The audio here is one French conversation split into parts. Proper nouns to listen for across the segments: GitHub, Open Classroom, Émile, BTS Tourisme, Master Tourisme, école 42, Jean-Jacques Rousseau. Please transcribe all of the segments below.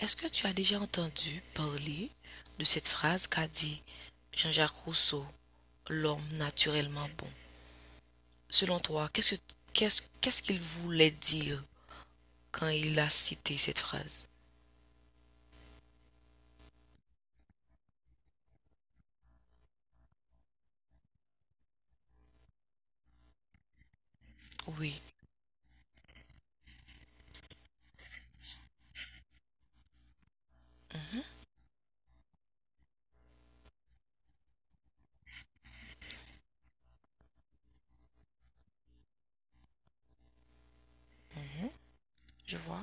Est-ce que tu as déjà entendu parler de cette phrase qu'a dit Jean-Jacques Rousseau, l'homme naturellement bon? Selon toi, qu'est-ce qu'il voulait dire quand il a cité cette phrase? Oui. Mhm, mhm, je vois.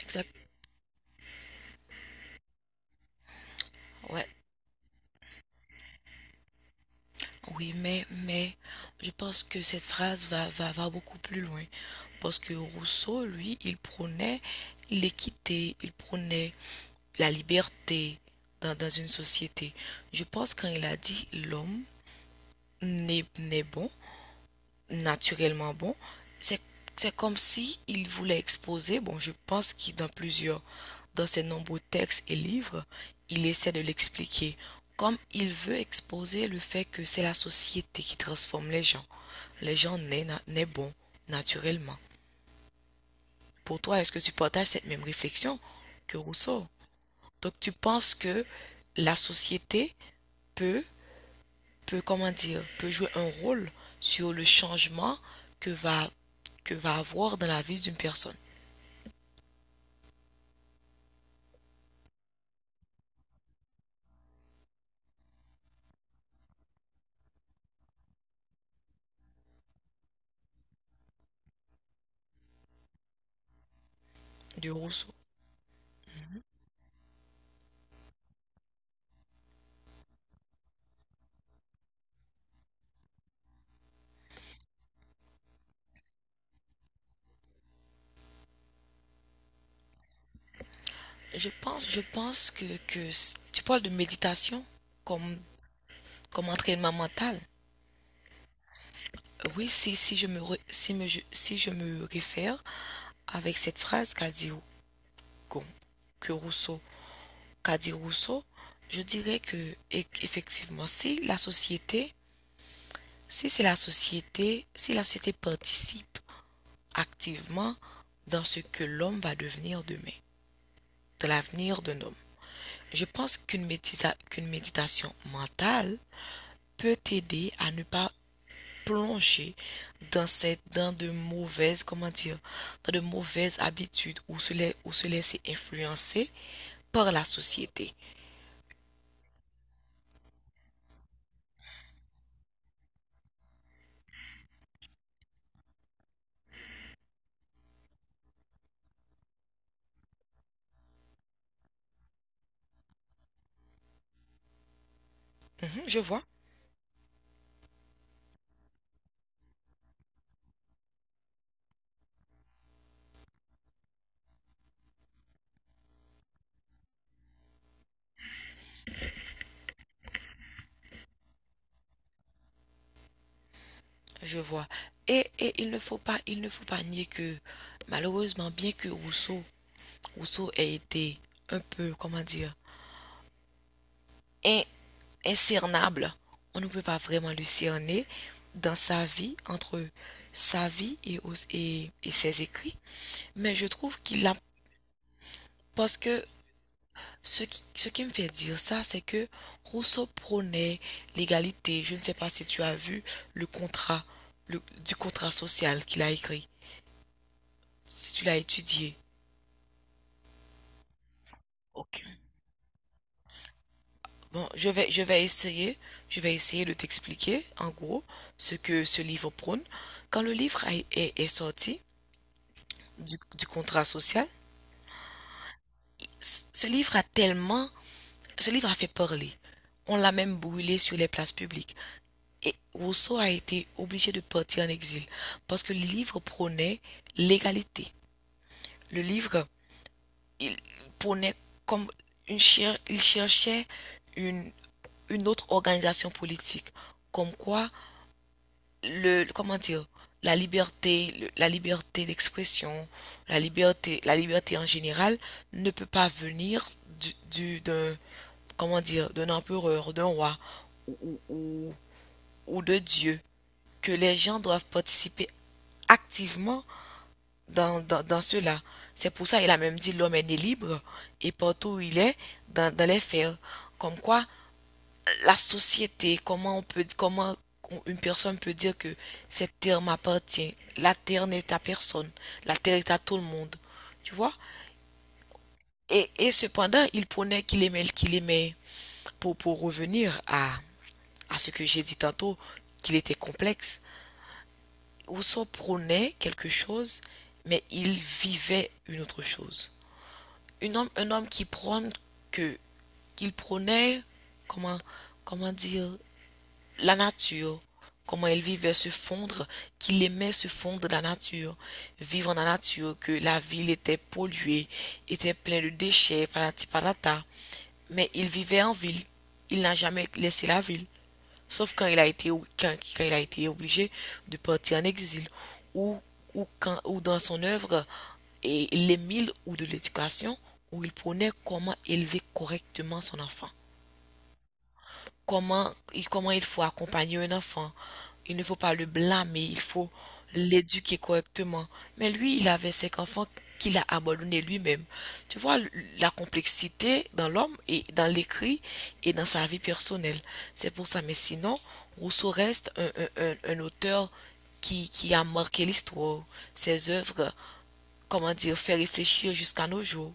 Exact. Ouais. Oui, mais je pense que cette phrase va beaucoup plus loin. Parce que Rousseau, lui, il prônait l'équité, il prônait la liberté dans une société. Je pense quand il a dit l'homme n'est naturellement bon. C'est, c'est comme si il voulait exposer, bon, je pense qu'il dans plusieurs, dans ses nombreux textes et livres, il essaie de l'expliquer, comme il veut exposer le fait que c'est la société qui transforme les gens. Les gens naissent bons, naturellement. Pour toi, est-ce que tu partages cette même réflexion que Rousseau? Donc, tu penses que la société peut peut, comment dire, peut jouer un rôle sur le changement que va, que va avoir dans la vie d'une personne, de Rousseau. Je pense que tu parles de méditation comme, comme entraînement mental. Oui, si, si, je me, re- si, me- je- si je me réfère avec cette phrase qu'a dit Gon- que Rousseau, qu'a dit Rousseau, je dirais que effectivement, si la société, si c'est la société, si la société participe activement dans ce que l'homme va devenir demain, de l'avenir d'un homme. Je pense qu'une méditation mentale peut t'aider à ne pas plonger dans de mauvaises comment dire dans de mauvaises habitudes ou se laisser influencer par la société. Mhm, je vois. Et il ne faut pas il ne faut pas nier que malheureusement bien que Rousseau ait été un peu comment dire in- incernable. On ne peut pas vraiment le cerner dans sa vie, entre sa vie et ses écrits. Mais je trouve qu'il a... Parce que ce qui me fait dire ça, c'est que Rousseau prônait l'égalité. Je ne sais pas si tu as vu le contrat, du contrat social qu'il a écrit, si tu l'as étudié. Ok. Bon, je vais essayer de t'expliquer en gros ce que ce livre prône. Quand le livre est sorti, du contrat social, ce livre a tellement, ce livre a fait parler. On l'a même brûlé sur les places publiques. Et Rousseau a été obligé de partir en exil parce que le livre prônait l'égalité. Le livre, il prônait comme il cherchait une, une autre organisation politique. Comme quoi, le comment dire la liberté d'expression la liberté en général ne peut pas venir du d'un comment dire d'un empereur d'un roi ou, ou, ou- ou de Dieu que les gens doivent participer activement dans cela c'est pour ça il a même dit l'homme est né libre et partout où il est dans les fers comme quoi la société, comment on peut, comment une personne peut dire que cette terre m'appartient, la terre n'est à personne, la terre est à tout le monde, tu vois? Et cependant, il prenait qu'il aimait, pour revenir à ce que j'ai dit tantôt, qu'il était complexe. Rousseau prenait quelque chose, mais il vivait une autre chose. Un homme qui prône que, qu'il prenait comment, comment dire, la nature, comment elle vivait se fondre, qu'il aimait se fondre dans la nature, vivre dans la nature, que la ville était polluée, était pleine de déchets, patati patata. Mais il vivait en ville. Il n'a jamais laissé la ville, sauf quand il a été, quand il a été obligé de partir en exil, ou, ou dans son œuvre, et l'Émile ou de l'éducation, où il prenait comment élever correctement son enfant comment il faut accompagner un enfant. Il ne faut pas le blâmer, il faut l'éduquer correctement. Mais lui, il avait cinq enfants qu'il a abandonnés lui-même. Tu vois la complexité dans l'homme et dans l'écrit et dans sa vie personnelle. C'est pour ça. Mais sinon, Rousseau reste un auteur qui a marqué l'histoire. Ses œuvres, comment dire, fait réfléchir jusqu'à nos jours.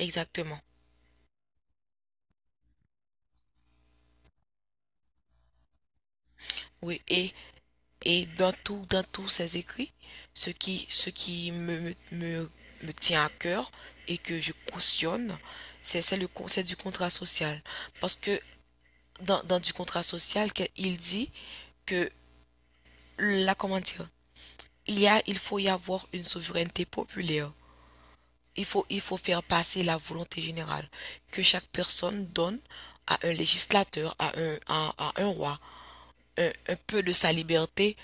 Exactement. Oui, et dans tout, dans tous ses écrits, ce qui me, me, me, me tient à cœur et que je cautionne, c'est le c'est du contrat social. Parce que dans du contrat social, il dit que la comment dire, il y a, il faut y avoir une souveraineté populaire. Il faut faire passer la volonté générale que chaque personne donne à un législateur, à un roi, un peu de sa liberté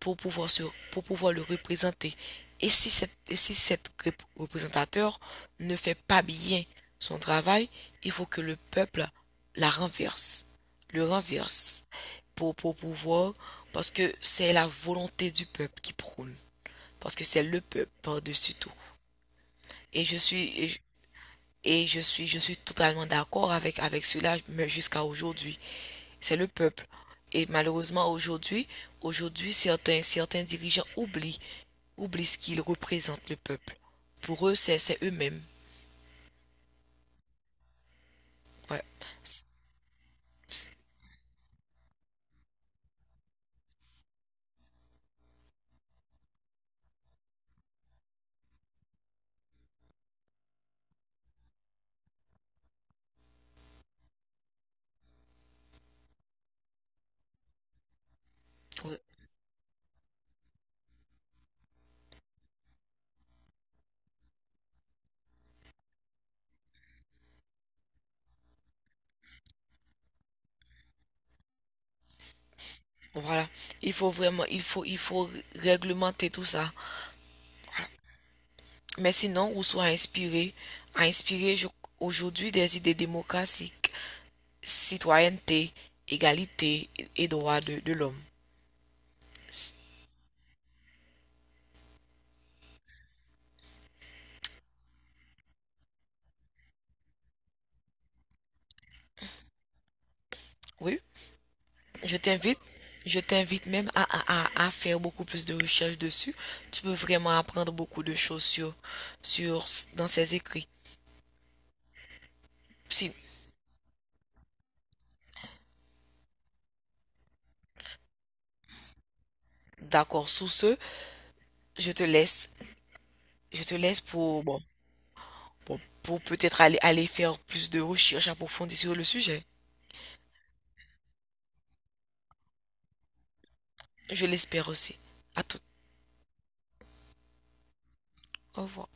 pour pouvoir, se- pour pouvoir le représenter. Si cette représentateur ne fait pas bien son travail, il faut que le peuple la renverse, le renverse pour pouvoir, parce que c'est la volonté du peuple qui prône, parce que c'est le peuple par-dessus tout. Et je suis, et je suis totalement d'accord avec cela mais jusqu'à aujourd'hui. C'est le peuple. Et malheureusement, aujourd'hui, certains dirigeants oublient ce qu'ils représentent, le peuple. Pour eux, c'est eux-mêmes. Ouais. Ouais. Voilà. Il faut vraiment, il faut réglementer tout ça. Voilà. Mais sinon, Rousseau a inspiré aujourd'hui des idées démocratiques, citoyenneté, égalité et droits de l'homme. Oui, je t'invite, je t'invite même à, à faire beaucoup plus de recherches dessus. Tu peux vraiment apprendre beaucoup de choses sur, dans ses écrits. Si- d'accord, sous ce, je te laisse, je te laisse pour, bon, pour peut-être aller faire plus de recherches approfondies sur le sujet. Je l'espère aussi. À tout. Au revoir.